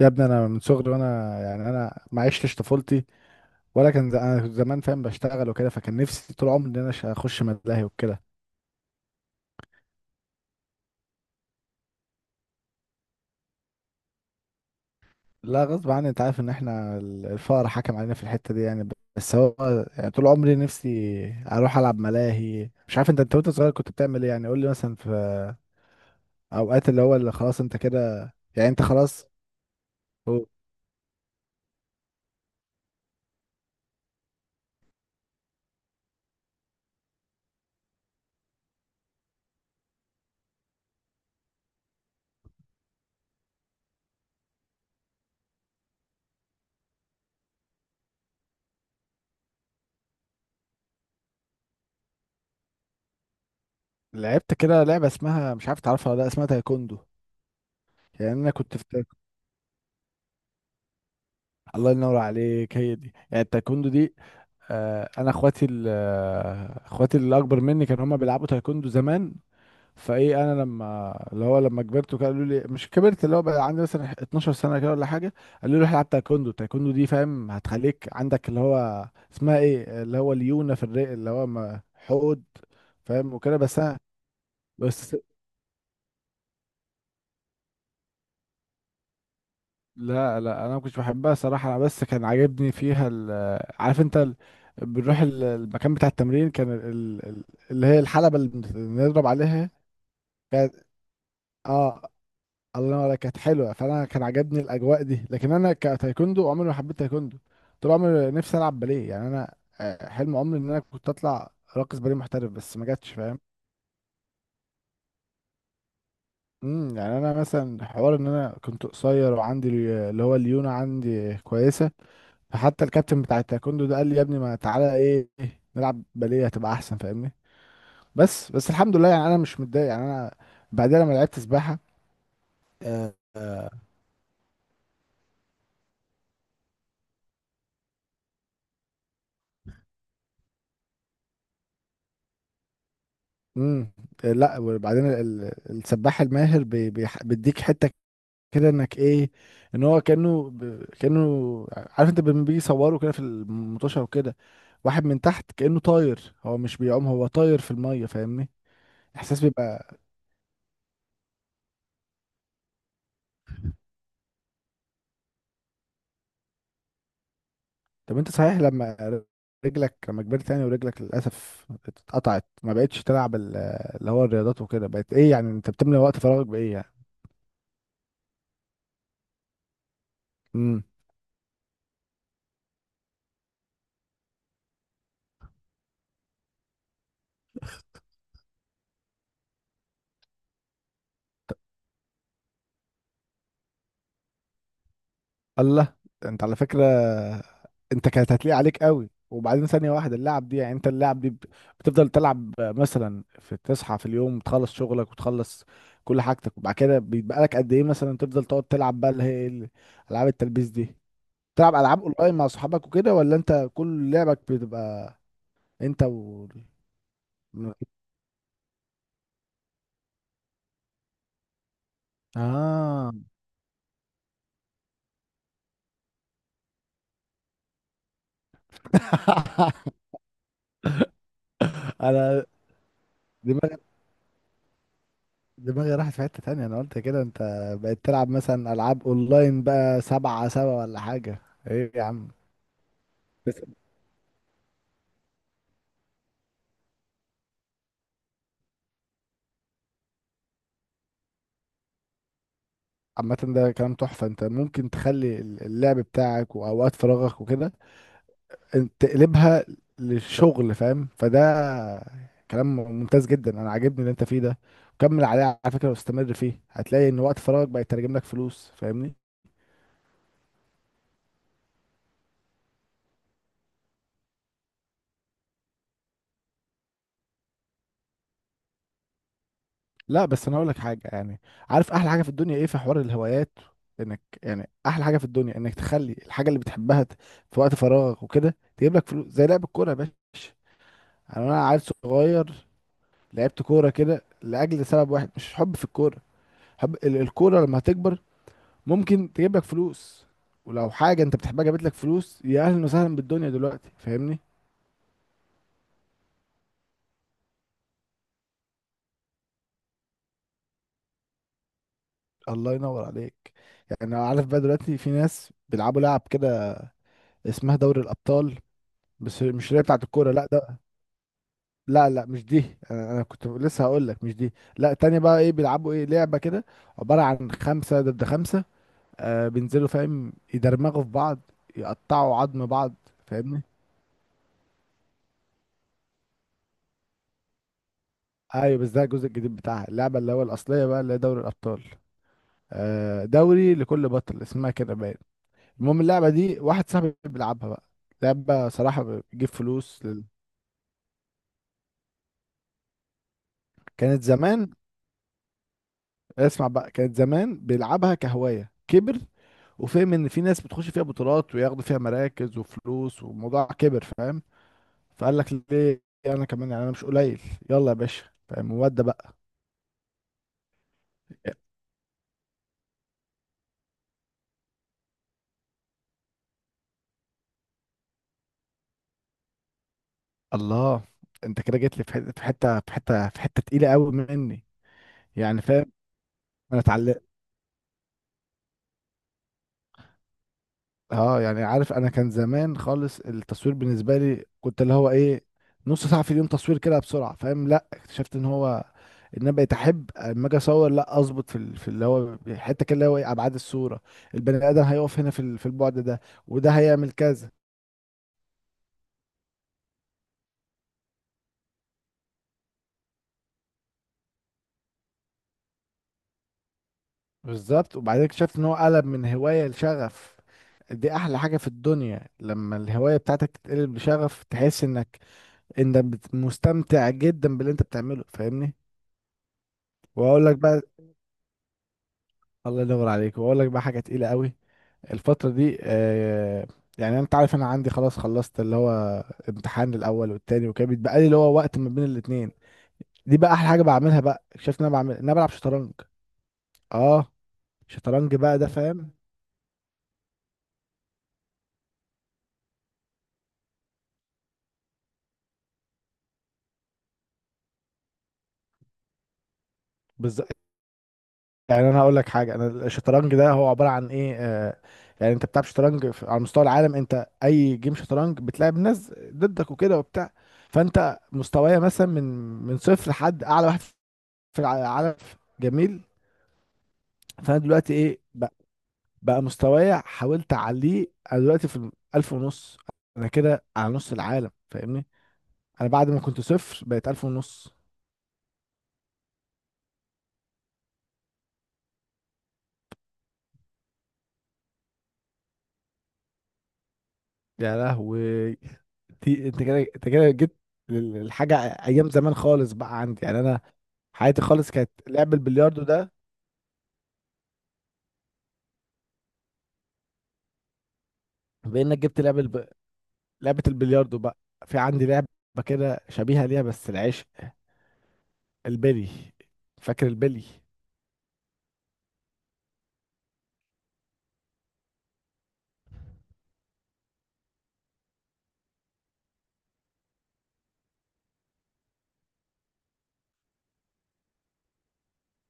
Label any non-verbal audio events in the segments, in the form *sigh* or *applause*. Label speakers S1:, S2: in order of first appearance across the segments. S1: يا ابني انا من صغري وانا يعني انا ما عشتش طفولتي. انا كنت زمان فاهم، بشتغل وكده، فكان نفسي طول عمري ان اخش ملاهي وكده. لا، غصب عني، انت عارف ان احنا الفقر حكم علينا في الحته دي يعني. بس هو يعني طول عمري نفسي اروح العب ملاهي. مش عارف انت وانت صغير كنت بتعمل ايه؟ يعني قول لي مثلا في اوقات اللي هو اللي خلاص انت كده، يعني انت خلاص. هو- لعبت كده لعبه، اسمها مش عارف تعرفها ولا لا، اسمها تايكوندو. يعني انا كنت في تايكوندو. الله ينور عليك، هي دي يعني التايكوندو دي. انا اخواتي اخواتي اللي اكبر مني كانوا هما بيلعبوا تايكوندو زمان. فايه انا لما اللي هو لما كبرت وكده، قالوا لي، مش كبرت، اللي هو بقى عندي مثلا 12 سنه كده ولا حاجه. قالوا لي روح العب تايكوندو، التايكوندو دي فاهم هتخليك عندك اللي هو اسمها ايه، اللي هو ليونه في الرئه، اللي هو حقد فاهم وكده. بس انا بس، لا انا ما كنتش بحبها صراحه. انا بس كان عاجبني فيها عارف انت بنروح المكان بتاع التمرين، كان اللي هي الحلبه اللي بنضرب عليها. اه، الله ينور عليك، كانت حلوه، فانا كان عجبني الاجواء دي. لكن انا كتايكوندو عمري ما حبيت تايكوندو. طول عمري نفسي العب باليه. يعني انا آه، حلم عمري ان انا كنت اطلع راقص باليه محترف، بس ما جاتش فاهم. يعني انا مثلا حوار ان انا كنت قصير وعندي اللي هو الليونه عندي كويسه. فحتى الكابتن بتاع التايكوندو ده قال لي، يا ابني ما تعالى ايه نلعب باليه هتبقى احسن فاهمني. بس الحمد لله، يعني انا مش متضايق. يعني انا بعدين لما لعبت سباحه. آه، امم لا، وبعدين السباح الماهر بيديك حته كده انك ايه، ان هو كانه، عارف انت لما بيجي يصوروا كده في المطوشه وكده، واحد من تحت كانه طاير، هو مش بيعوم، هو طاير في الميه فاهمني. احساس بيبقى. طب انت صحيح لما رجلك لما كبرت يعني ورجلك للاسف اتقطعت ما بقتش تلعب اللي هو الرياضات وكده، بقت ايه يعني انت بتملى وقت فراغك بايه؟ يعني الله، ده انت على فكرة انت كانت هتليق عليك قوي. وبعدين ثانية واحدة، اللعب دي، يعني انت اللعب دي ب- بتفضل تلعب مثلا في، تصحى في اليوم تخلص شغلك وتخلص كل حاجتك، وبعد كده بيبقى لك قد ايه مثلا تفضل تقعد تلعب بقى، اللي هي العاب التلبيس دي؟ تلعب العاب اونلاين مع صحابك وكده، ولا انت كل لعبك بتبقى انت و، اه. *laughs* انا دماغي، دماغي راحت في حتة تانية، انا قلت كده انت بقيت تلعب مثلا العاب اونلاين بقى سبعة سبعة ولا حاجة. ايه يا عم؟ بس. عامة ده كلام تحفة، انت ممكن تخلي اللعب بتاعك واوقات فراغك وكده انت تقلبها للشغل فاهم. فده كلام ممتاز جدا، انا عاجبني اللي انت فيه ده. وكمل عليه على فكرة واستمر فيه، هتلاقي ان وقت فراغك بقى يترجم لك فلوس فاهمني. لا بس انا اقول لك حاجه، يعني عارف احلى حاجه في الدنيا ايه في حوار الهوايات؟ انك يعني احلى حاجه في الدنيا انك تخلي الحاجه اللي بتحبها في وقت فراغك وكده تجيب لك فلوس، زي لعب الكوره يا باشا. يعني انا عيل صغير لعبت كوره كده لاجل سبب واحد، مش حب في الكوره، حب الكوره لما هتكبر ممكن تجيب لك فلوس. ولو حاجه انت بتحبها جابت لك فلوس، يا اهلا وسهلا بالدنيا دلوقتي فاهمني. الله ينور عليك. يعني انا عارف بقى دلوقتي في ناس بيلعبوا لعب كده اسمها دوري الابطال، بس مش اللي هي بتاعت الكوره، لا ده. لا مش دي، انا كنت لسه هقول لك مش دي. لا، تاني بقى ايه بيلعبوا ايه، لعبه كده عباره عن خمسه ضد خمسه، آه بينزلوا فاهم يدرمغوا في بعض يقطعوا عظم بعض فاهمني. ايوه، بس ده الجزء الجديد بتاعها، اللعبه اللي هو الاصليه بقى اللي هي دوري الابطال. آه، دوري لكل بطل اسمها كده باين. المهم اللعبه دي واحد صاحبي بيلعبها بقى، لعبه صراحه بتجيب فلوس لل... كانت زمان. اسمع بقى، كانت زمان بيلعبها كهواية، كبر وفهم ان في ناس بتخش فيها بطولات وياخدوا فيها مراكز وفلوس، والموضوع كبر فاهم. فقال لك ليه انا كمان، يعني انا مش قليل، يلا يا باشا فاهم. وده بقى الله. انت كده جيت لي في حته في حته تقيله قوي مني. يعني فاهم، انا اتعلمت. اه، يعني عارف، انا كان زمان خالص التصوير بالنسبه لي كنت اللي هو ايه، نص ساعه في اليوم تصوير كده بسرعه فاهم. لا، اكتشفت ان هو ان انا بقيت احب اما اجي اصور، لا اظبط في في اللي هو حته كده، اللي هو ايه، ابعاد الصوره، البني ادم هيقف هنا في في البعد ده، وده هيعمل كذا. بالظبط. وبعدين اكتشفت ان هو قلب من هوايه لشغف. دي احلى حاجه في الدنيا، لما الهوايه بتاعتك تتقلب لشغف، تحس انك انت مستمتع جدا باللي انت بتعمله فاهمني. واقول لك بقى الله ينور عليك، واقول لك بقى حاجه تقيله قوي. الفتره دي، يعني انت عارف انا عندي خلاص، خلصت اللي هو امتحان الاول والتاني وكده، بيتبقى لي اللي هو وقت ما بين الاتنين. دي بقى احلى حاجه بعملها، بقى شايف ان انا بعمل، إن انا بلعب شطرنج. اه. شطرنج بقى ده فاهم. بالظبط. يعني انا هقول لك حاجه، انا الشطرنج ده هو عباره عن ايه، يعني انت بتلعب شطرنج على مستوى العالم. انت اي جيم شطرنج بتلعب ناس ضدك وكده وبتاع، فانت مستوايا مثلا من، من صفر لحد اعلى واحد في العالم. جميل. فانا دلوقتي ايه بقى، بقى مستواي حاولت اعليه. انا دلوقتي في الالف ونص، انا كده على نص العالم فاهمني. انا بعد ما كنت صفر بقيت الف ونص. يا لهوي، دي- انت كده انت كده جيت للحاجه، ايام زمان خالص بقى عندي، يعني انا حياتي خالص كانت لعب البلياردو ده. بانك جبت لعب لعبه البلياردو بقى، في عندي لعبه كده شبيهه ليها، بس العيش، البلي، فاكر البلي؟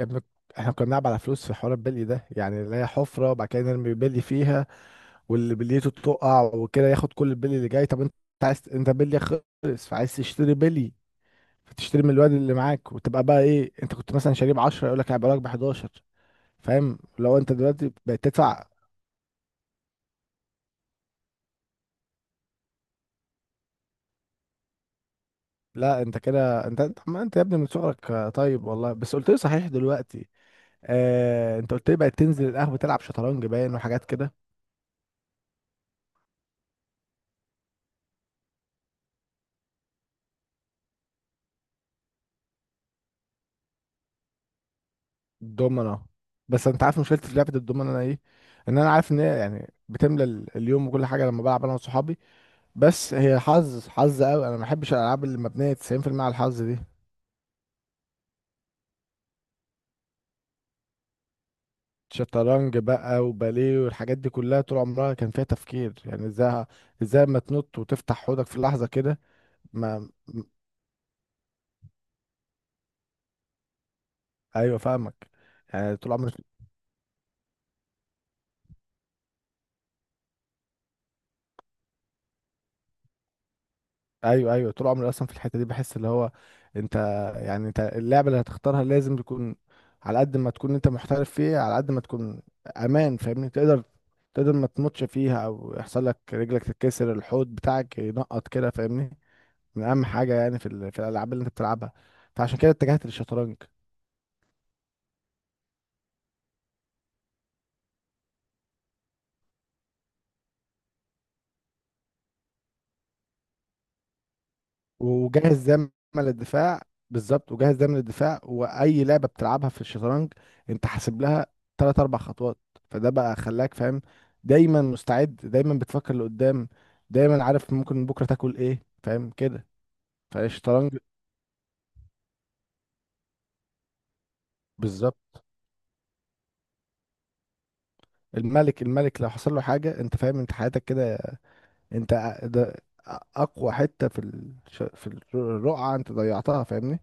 S1: ابنك، احنا كنا بنلعب على فلوس في حوار البلي ده، يعني اللي هي حفرة وبعد كده نرمي بلي فيها، واللي بليته تقع وكده ياخد كل البلي اللي جاي. طب انت عايز، انت بلي خلص فعايز تشتري بلي، فتشتري من الواد اللي معاك، وتبقى بقى ايه، انت كنت مثلا شاريه ب 10، يقول لك هيبقى لك ب 11 فاهم. لو انت دلوقتي بقيت تدفع، لا انت كده، انت انت ما انت يا ابني من صغرك. آه، طيب والله بس قلت لي صحيح دلوقتي، آه انت قلت لي بقيت تنزل القهوة تلعب شطرنج باين وحاجات كده. دومنا، بس انت عارف مشكلتي في لعبه الدومنا انا ايه؟ ان انا عارف ان هي يعني بتملى اليوم وكل حاجه لما بلعب انا وصحابي، بس هي حظ، حظ قوي، انا ما بحبش الالعاب اللي مبنيه 90% على الحظ دي. شطرنج بقى وباليه والحاجات دي كلها طول عمرها كان فيها تفكير، يعني ازاي، ازاي ما تنط وتفتح حوضك في لحظه كده؟ ما م- ايوه فاهمك. يعني طول عمري، ايوه، ايوه طول عمري اصلا في الحته دي بحس اللي هو، انت، يعني انت اللعبه اللي هتختارها لازم تكون على قد ما تكون انت محترف فيها على قد ما تكون امان فاهمني، تقدر ما تموتش فيها او يحصل لك رجلك تتكسر، الحوض بتاعك ينقط كده فاهمني، من اهم حاجه يعني في في الالعاب اللي انت بتلعبها. فعشان كده اتجهت للشطرنج. وجاهز دايما للدفاع. بالظبط، وجاهز دايما للدفاع. واي لعبه بتلعبها في الشطرنج انت حاسب لها ثلاث اربع خطوات، فده بقى خلاك فاهم دايما مستعد، دايما بتفكر لقدام، دايما عارف ممكن بكره تاكل ايه فاهم كده. فالشطرنج بالظبط. الملك لو حصل له حاجه انت فاهم انت حياتك كده، انت ده اقوى حته في الرقعه، انت ضيعتها فاهمني.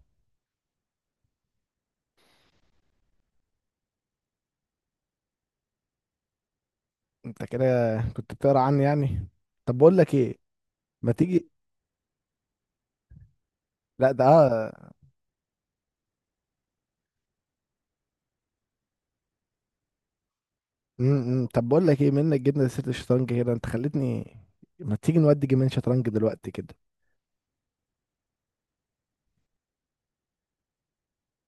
S1: انت كده كنت بتقرا عني يعني؟ طب بقول لك ايه، ما تيجي، لا ده آه، طب بقول لك ايه، منك جبنا لسيره الشطرنج كده انت خلتني، ما تيجي نودي جيمين شطرنج دلوقتي كده؟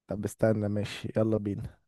S1: طب استنى، ماشي، يلا بينا.